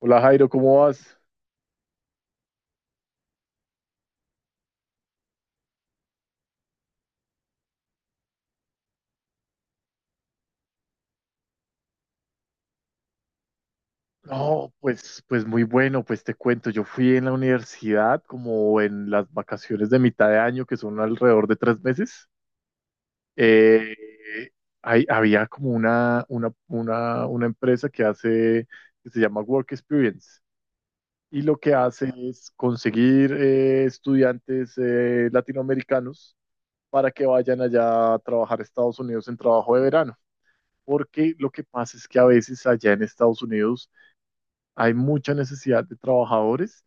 Hola Jairo, ¿cómo vas? No, pues, pues muy bueno, pues te cuento, yo fui en la universidad como en las vacaciones de mitad de año, que son alrededor de tres meses. Eh, Había como una empresa que que se llama Work Experience, y lo que hace es conseguir estudiantes latinoamericanos para que vayan allá a trabajar a Estados Unidos en trabajo de verano. Porque lo que pasa es que a veces allá en Estados Unidos hay mucha necesidad de trabajadores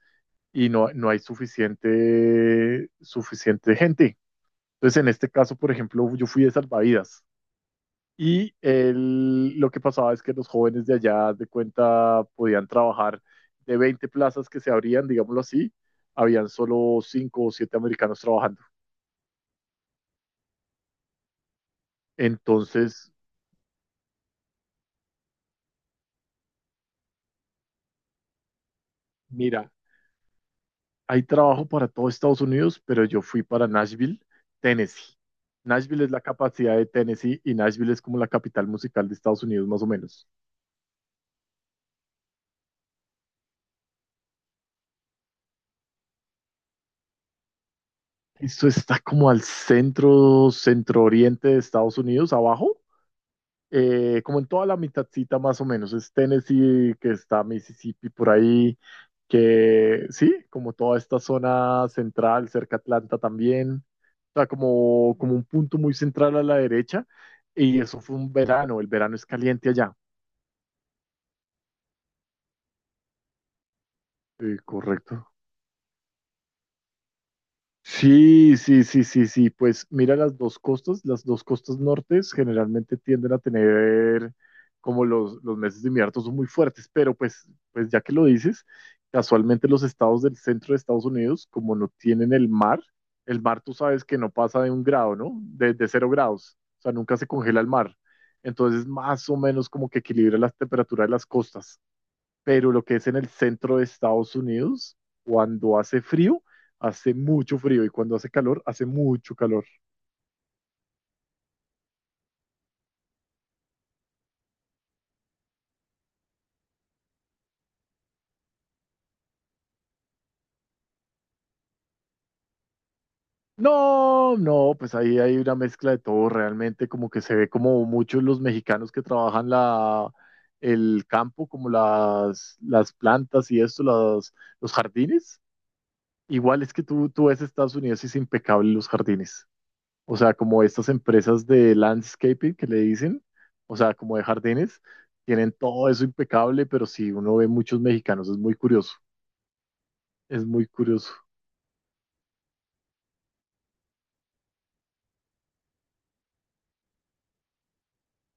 y no hay suficiente gente. Entonces, en este caso, por ejemplo, yo fui de salvavidas y lo que pasaba es que los jóvenes de allá, haz de cuenta, podían trabajar: de 20 plazas que se abrían, digámoslo así, habían solo 5 o 7 americanos trabajando. Entonces, mira, hay trabajo para todo Estados Unidos, pero yo fui para Nashville, Tennessee. Nashville es la capacidad de Tennessee y Nashville es como la capital musical de Estados Unidos, más o menos. Esto está como al centro, centro oriente de Estados Unidos, abajo, como en toda la mitadcita más o menos, es Tennessee, que está Mississippi por ahí, que sí, como toda esta zona central, cerca a Atlanta también, o sea, como, como un punto muy central a la derecha, y eso fue un verano, el verano es caliente allá. Sí, correcto. Sí, sí, sí, sí, sí. Pues mira las dos costas. Las dos costas nortes generalmente tienden a tener como los meses de invierno son muy fuertes, pero pues ya que lo dices, casualmente los estados del centro de Estados Unidos, como no tienen el mar tú sabes que no pasa de un grado, ¿no? De cero grados. O sea, nunca se congela el mar. Entonces, más o menos como que equilibra las temperaturas de las costas, pero lo que es en el centro de Estados Unidos, cuando hace frío, hace mucho frío, y cuando hace calor, hace mucho calor. No, no, pues ahí hay una mezcla de todo, realmente como que se ve como muchos los mexicanos que trabajan el campo, como las plantas y esto, los jardines. Igual es que tú ves Estados Unidos y es impecable los jardines. O sea, como estas empresas de landscaping que le dicen, o sea, como de jardines, tienen todo eso impecable, pero si uno ve muchos mexicanos, es muy curioso, es muy curioso.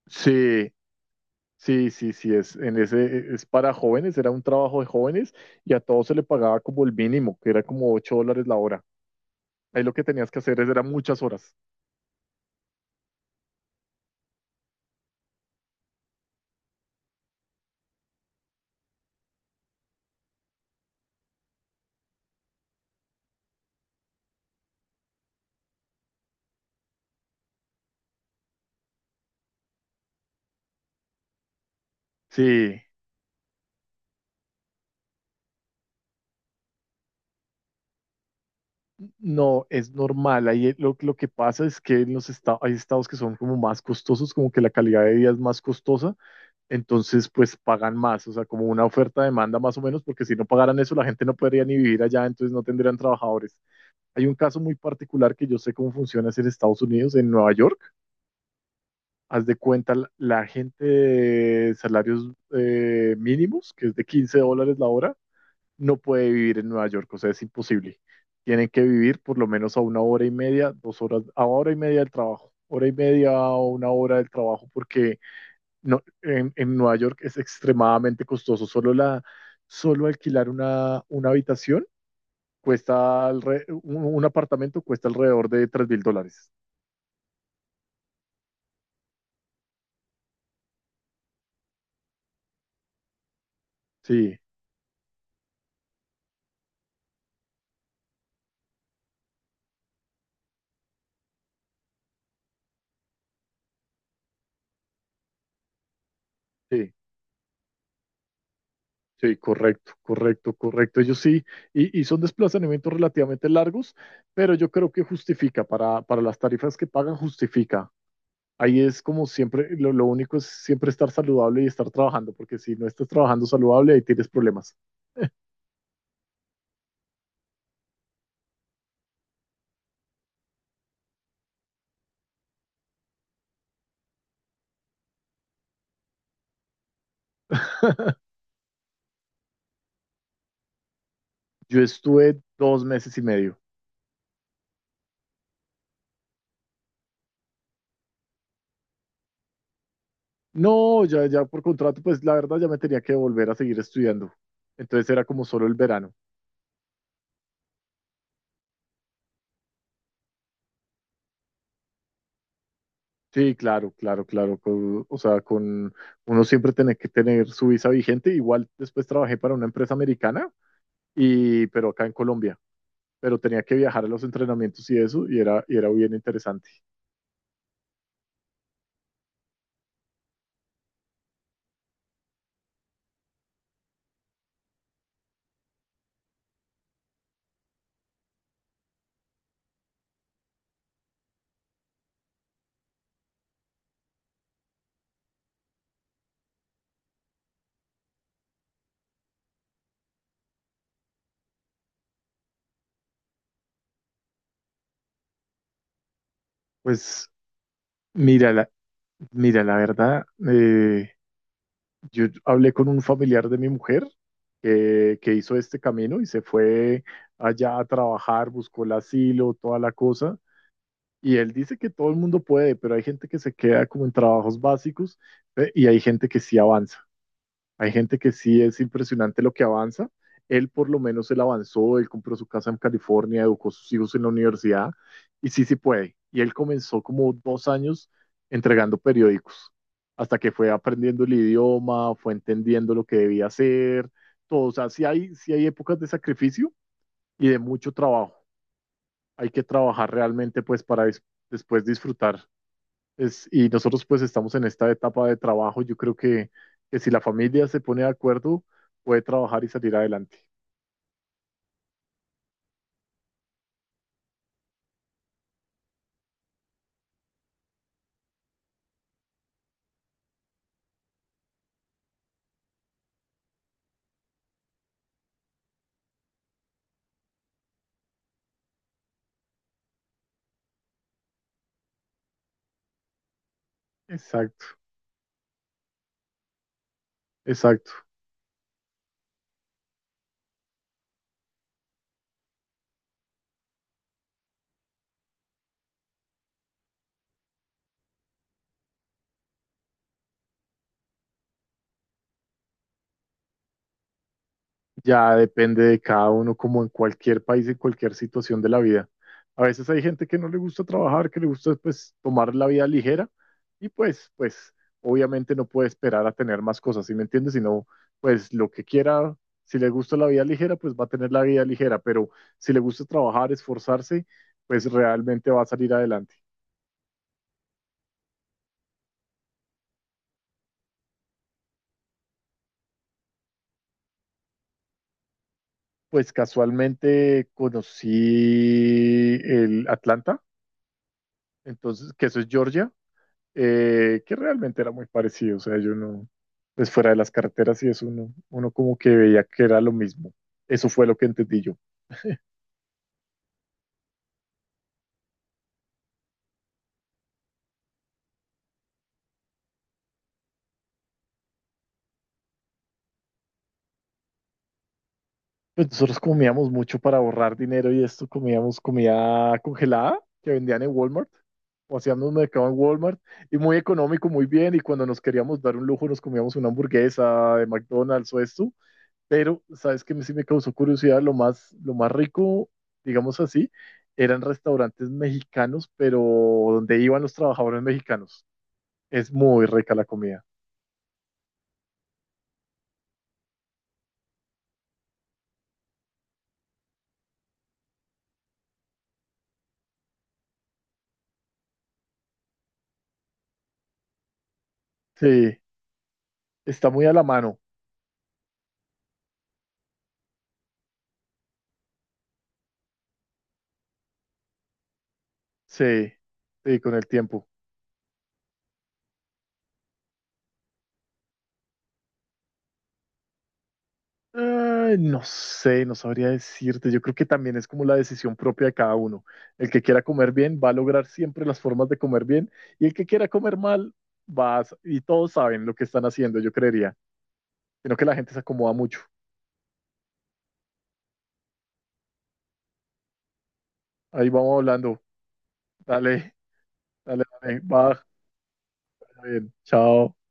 Sí, sí, sí, sí, es, en ese, es para jóvenes, era un trabajo de jóvenes, y a todos se le pagaba como el mínimo, que era como 8 dólares la hora. Ahí lo que tenías que hacer es, eran muchas horas. Sí, no, es normal. Ahí lo que pasa es que en los estados, hay estados que son como más costosos, como que la calidad de vida es más costosa, entonces pues pagan más, o sea, como una oferta-demanda más o menos, porque si no pagaran eso la gente no podría ni vivir allá, entonces no tendrían trabajadores. Hay un caso muy particular que yo sé cómo funciona es en Estados Unidos, en Nueva York. Haz de cuenta, la gente de salarios mínimos, que es de 15 dólares la hora, no puede vivir en Nueva York, o sea, es imposible. Tienen que vivir por lo menos a una hora y media, dos horas, a hora y media del trabajo, hora y media o una hora del trabajo, porque no, en Nueva York es extremadamente costoso. Solo alquilar una habitación un apartamento cuesta alrededor de tres mil dólares. Sí, sí. Sí, correcto, correcto, correcto. Ellos sí, y son desplazamientos relativamente largos, pero yo creo que justifica para las tarifas que pagan, justifica. Ahí es como siempre, lo único es siempre estar saludable y estar trabajando, porque si no estás trabajando saludable, ahí tienes problemas. Yo estuve dos meses y medio. No, ya, ya por contrato, pues la verdad ya me tenía que volver a seguir estudiando. Entonces era como solo el verano. Sí, claro, claro, claro. O sea, con uno siempre tiene que tener su visa vigente. Igual después trabajé para una empresa americana y, pero acá en Colombia, pero tenía que viajar a los entrenamientos y eso y y era bien interesante. Pues mira, la, Mira, la verdad, eh, yo hablé con un familiar de mi mujer que hizo este camino y se fue allá a trabajar, buscó el asilo, toda la cosa. Y él dice que todo el mundo puede, pero hay gente que se queda como en trabajos básicos, y hay gente que sí avanza. Hay gente que sí es impresionante lo que avanza. Él por lo menos él avanzó, él compró su casa en California, educó a sus hijos en la universidad y sí, sí puede. Y él comenzó como dos años entregando periódicos hasta que fue aprendiendo el idioma, fue entendiendo lo que debía hacer, todo. O sea, sí hay épocas de sacrificio y de mucho trabajo. Hay que trabajar realmente pues para después disfrutar. Y nosotros pues estamos en esta etapa de trabajo. Yo creo que si la familia se pone de acuerdo, puede trabajar y salir adelante. Exacto, exacto. Ya depende de cada uno, como en cualquier país, en cualquier situación de la vida. A veces hay gente que no le gusta trabajar, que le gusta pues tomar la vida ligera y pues obviamente no puede esperar a tener más cosas, ¿sí me entiendes? Sino pues lo que quiera, si le gusta la vida ligera, pues va a tener la vida ligera, pero si le gusta trabajar, esforzarse, pues realmente va a salir adelante. Pues casualmente conocí el Atlanta, entonces, que eso es Georgia. Que realmente era muy parecido, o sea, yo no, pues fuera de las carreteras y eso, uno como que veía que era lo mismo. Eso fue lo que entendí yo. Pues nosotros comíamos mucho para ahorrar dinero y esto, comíamos comida congelada que vendían en Walmart, o hacíamos un mercado en Walmart, y muy económico, muy bien, y cuando nos queríamos dar un lujo nos comíamos una hamburguesa de McDonald's o esto. Pero, ¿sabes qué? Sí me causó curiosidad. Lo más rico, digamos así, eran restaurantes mexicanos, pero donde iban los trabajadores mexicanos. Es muy rica la comida. Sí, está muy a la mano. Sí, sí, con el tiempo. Ay, no sé, no sabría decirte. Yo creo que también es como la decisión propia de cada uno. El que quiera comer bien va a lograr siempre las formas de comer bien y el que quiera comer mal y todos saben lo que están haciendo, yo creería. Sino que la gente se acomoda mucho. Ahí vamos hablando. Dale, dale, dale. Va, está bien. Chao.